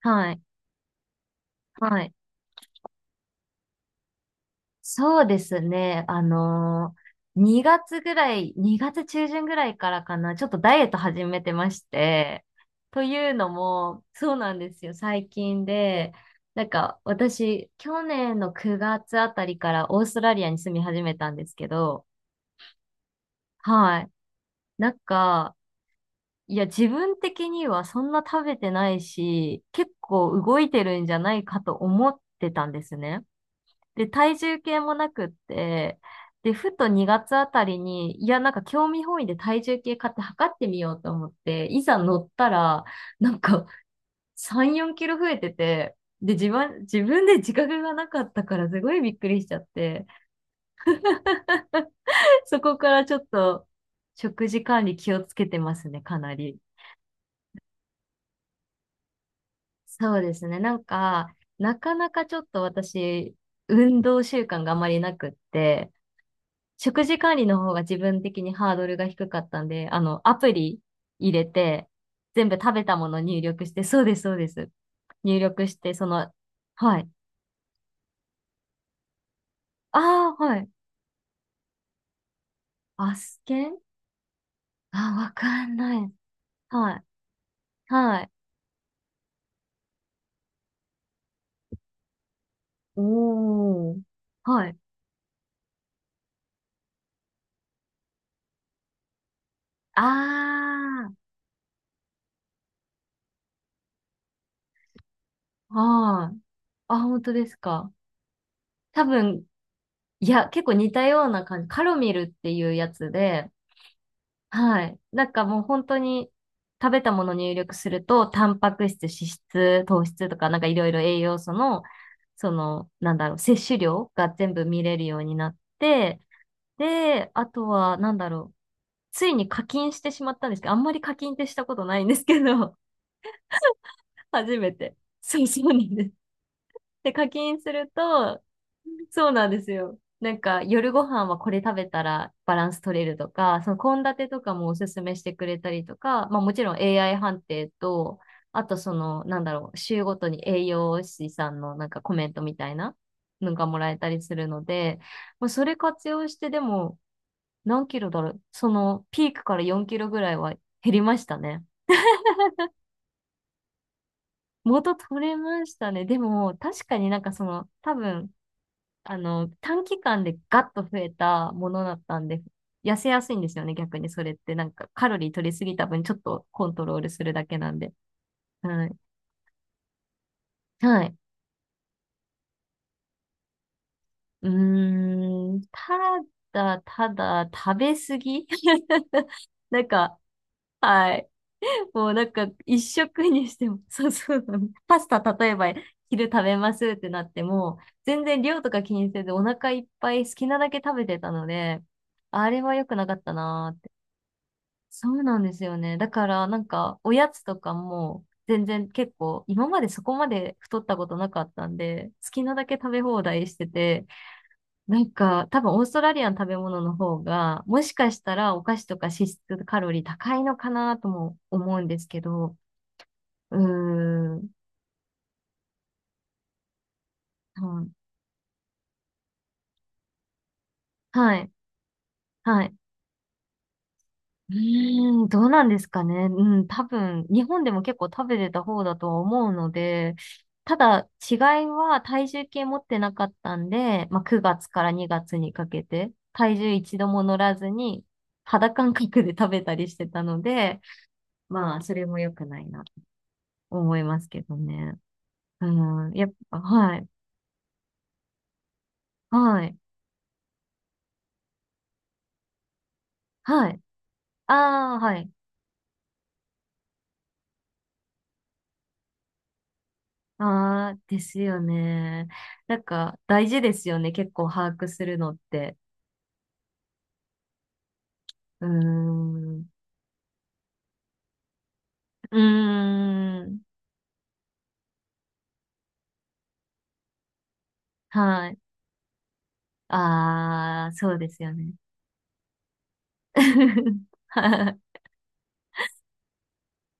はい、はい。そうですね。2月ぐらい、2月中旬ぐらいからかな、ちょっとダイエット始めてまして、というのも、そうなんですよ、最近で、なんか私、去年の9月あたりからオーストラリアに住み始めたんですけど、はい。なんか、いや、自分的にはそんな食べてないし、結構動いてるんじゃないかと思ってたんですね。で、体重計もなくって、で、ふと2月あたりに、いや、なんか興味本位で体重計買って測ってみようと思って、いざ乗ったら、なんか3、4キロ増えてて、で、自分で自覚がなかったからすごいびっくりしちゃって、そこからちょっと食事管理気をつけてますね、かなり。そうですね。なんか、なかなかちょっと私、運動習慣があまりなくって、食事管理の方が自分的にハードルが低かったんで、あの、アプリ入れて、全部食べたもの入力して、そうです、そうです。入力して、その、はい。ああ、はい。アスケン、あ、わかんない。はい。はい。おー。はい。ああ、はい。あ、本当ですか？多分、いや、結構似たような感じ。カロミルっていうやつで、はい。なんかもう本当に食べたもの入力すると、タンパク質、脂質、糖質とか、なんかいろいろ栄養素の、その、なんだろう、摂取量が全部見れるようになって、で、あとは、なんだろう、ついに課金してしまったんですけど、あんまり課金ってしたことないんですけど、初めて。そうそうなんです。で、課金すると、そうなんですよ。なんか、夜ご飯はこれ食べたらバランス取れるとか、その献立とかもおすすめしてくれたりとか、まあもちろん AI 判定と、あとその、なんだろう、週ごとに栄養士さんのなんかコメントみたいなのがもらえたりするので、まあ、それ活用してでも何キロだろう、そのピークから4キロぐらいは減りましたね。元取れましたね。でも、確かになんかその、多分、あの、短期間でガッと増えたものだったんで、痩せやすいんですよね、逆にそれって。なんか、カロリー取りすぎた分、ちょっとコントロールするだけなんで。はい。はい。うーん、ただ、食べ過ぎ なんか、はい。もうなんか、一食にしても、そうそうなの。パスタ、例えば、昼食べますってなっても、全然量とか気にせず、お腹いっぱい好きなだけ食べてたので、あれは良くなかったなーって。そうなんですよね。だからなんかおやつとかも全然結構今までそこまで太ったことなかったんで好きなだけ食べ放題してて、なんか多分オーストラリアの食べ物の方がもしかしたらお菓子とか脂質カロリー高いのかなとも思うんですけど、うーん、うん、はい。はい。うーん、どうなんですかね。うん、多分、日本でも結構食べてた方だとは思うので、ただ、違いは体重計持ってなかったんで、まあ、9月から2月にかけて、体重一度も乗らずに、肌感覚で食べたりしてたので、まあ、それも良くないな、思いますけどね。うん、やっぱ、はい、はい、はい。ああ、はい。ああ、ですよね。なんか、大事ですよね。結構把握するのって。うーん。うーん。はい。ああ、そうですよね。はい。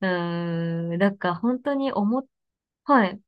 うーん。なんか本当に思っ、はい。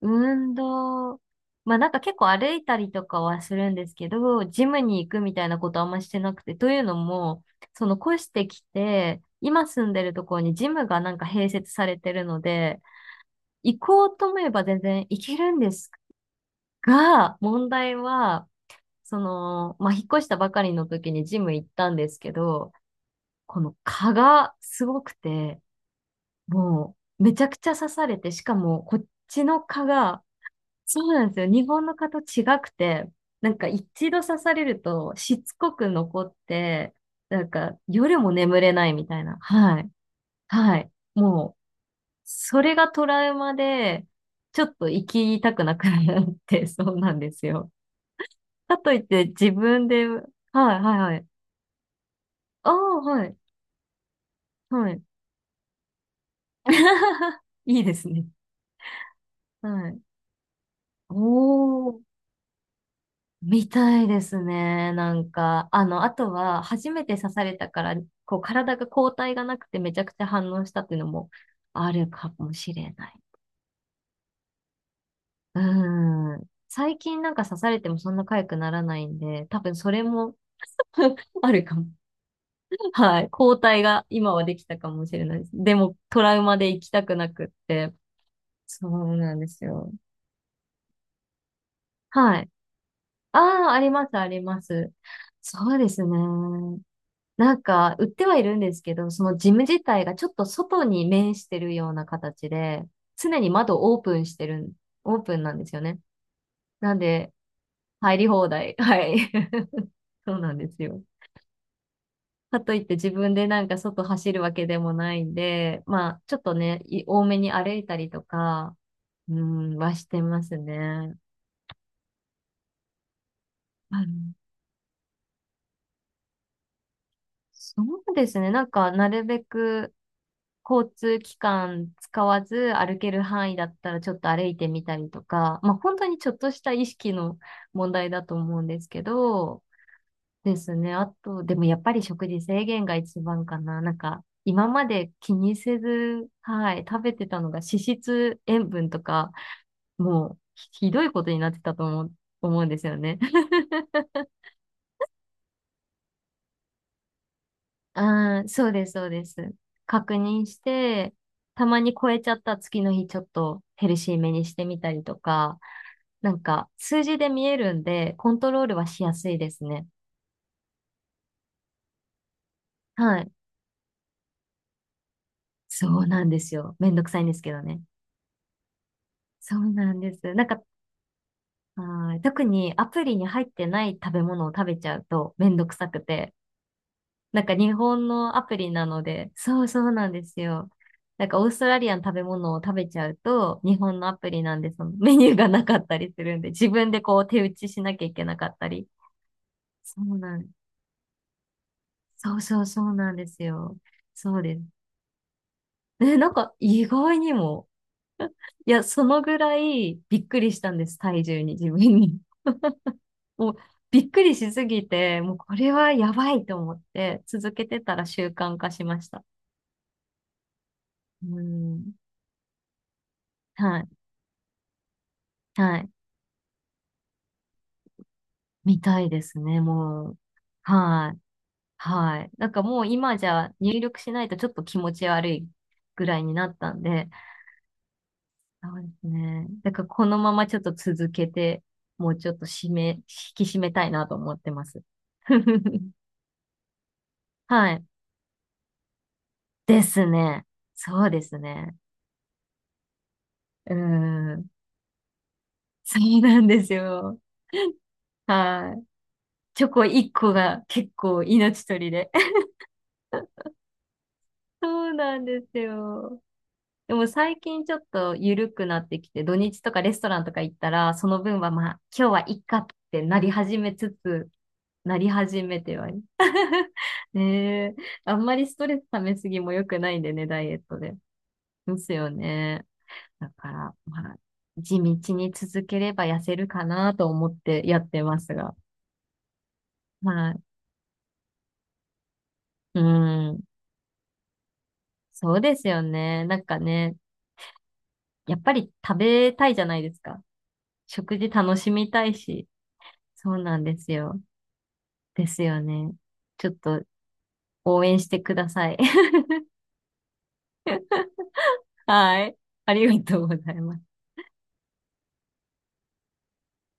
運動。まあなんか結構歩いたりとかはするんですけど、ジムに行くみたいなことあんましてなくて、というのも、その越してきて、今住んでるところにジムがなんか併設されてるので、行こうと思えば全然行けるんですが、問題は、その、まあ、引っ越したばかりの時にジム行ったんですけど、この蚊がすごくて、もうめちゃくちゃ刺されて、しかもこっちの蚊が、そうなんですよ。日本の蚊と違くて、なんか一度刺されるとしつこく残って、なんか夜も眠れないみたいな。はい。はい。もう、それがトラウマで、ちょっと生きたくなくなって、そうなんですよ。かといって自分で、はいはいはい。ああ、はい。はい。いいですね。はい。おー、みたいですね。なんか、あの、あとは、初めて刺されたから、こう、体が抗体がなくてめちゃくちゃ反応したっていうのもあるかもしれない。うん。最近なんか刺されてもそんな痒くならないんで、多分それも あるかも。はい。抗体が今はできたかもしれないです。でも、トラウマで行きたくなくって。そうなんですよ。はい。ああ、あります、あります。そうですね。なんか、売ってはいるんですけど、そのジム自体がちょっと外に面してるような形で、常に窓オープンしてるん、オープンなんですよね。なんで、入り放題。はい。そうなんですよ。かといって自分でなんか外走るわけでもないんで、まあ、ちょっとね、い多めに歩いたりとか、うん、はしてますね。はい。そうですね。なんか、なるべく、交通機関使わず歩ける範囲だったらちょっと歩いてみたりとか、まあ本当にちょっとした意識の問題だと思うんですけど、ですね。あと、でもやっぱり食事制限が一番かな。なんか、今まで気にせず、はい、食べてたのが脂質、塩分とか、もうひどいことになってたと思うんですよね。ああ、そうです、そうです。確認して、たまに超えちゃった次の日ちょっとヘルシーめにしてみたりとか、なんか、数字で見えるんで、コントロールはしやすいですね。はい。そうなんですよ。めんどくさいんですけどね。そうなんです。なんか、はい、特にアプリに入ってない食べ物を食べちゃうとめんどくさくて。なんか日本のアプリなので、そうそうなんですよ。なんかオーストラリアの食べ物を食べちゃうと、日本のアプリなんでそのメニューがなかったりするんで、自分でこう手打ちしなきゃいけなかったり。そうなん、そうそうそうなんですよ。そうです。ね、なんか意外にも、いや、そのぐらいびっくりしたんです、体重に、自分に。もうびっくりしすぎて、もうこれはやばいと思って、続けてたら習慣化しました。うん。はい。はい。みたいですね、もう。はい。はい。なんかもう今じゃ入力しないとちょっと気持ち悪いぐらいになったんで、そうですね。だからこのままちょっと続けて、もうちょっと締め、引き締めたいなと思ってます。はい。ですね。そうですね。うん。そうなんですよ。はい。チョコ1個が結構命取りで。そうなんですよ。でも最近ちょっと緩くなってきて、土日とかレストランとか行ったら、その分はまあ、今日はいっかってなり始めつつ、なり始めて、はい。ねえ。あんまりストレス溜めすぎも良くないんでね、ダイエットで。ですよね。だから、まあ、地道に続ければ痩せるかなと思ってやってますが。はい。うん。そうですよね。なんかね、やっぱり食べたいじゃないですか。食事楽しみたいし。そうなんですよ。ですよね。ちょっと応援してください。はい。ありがとうございます。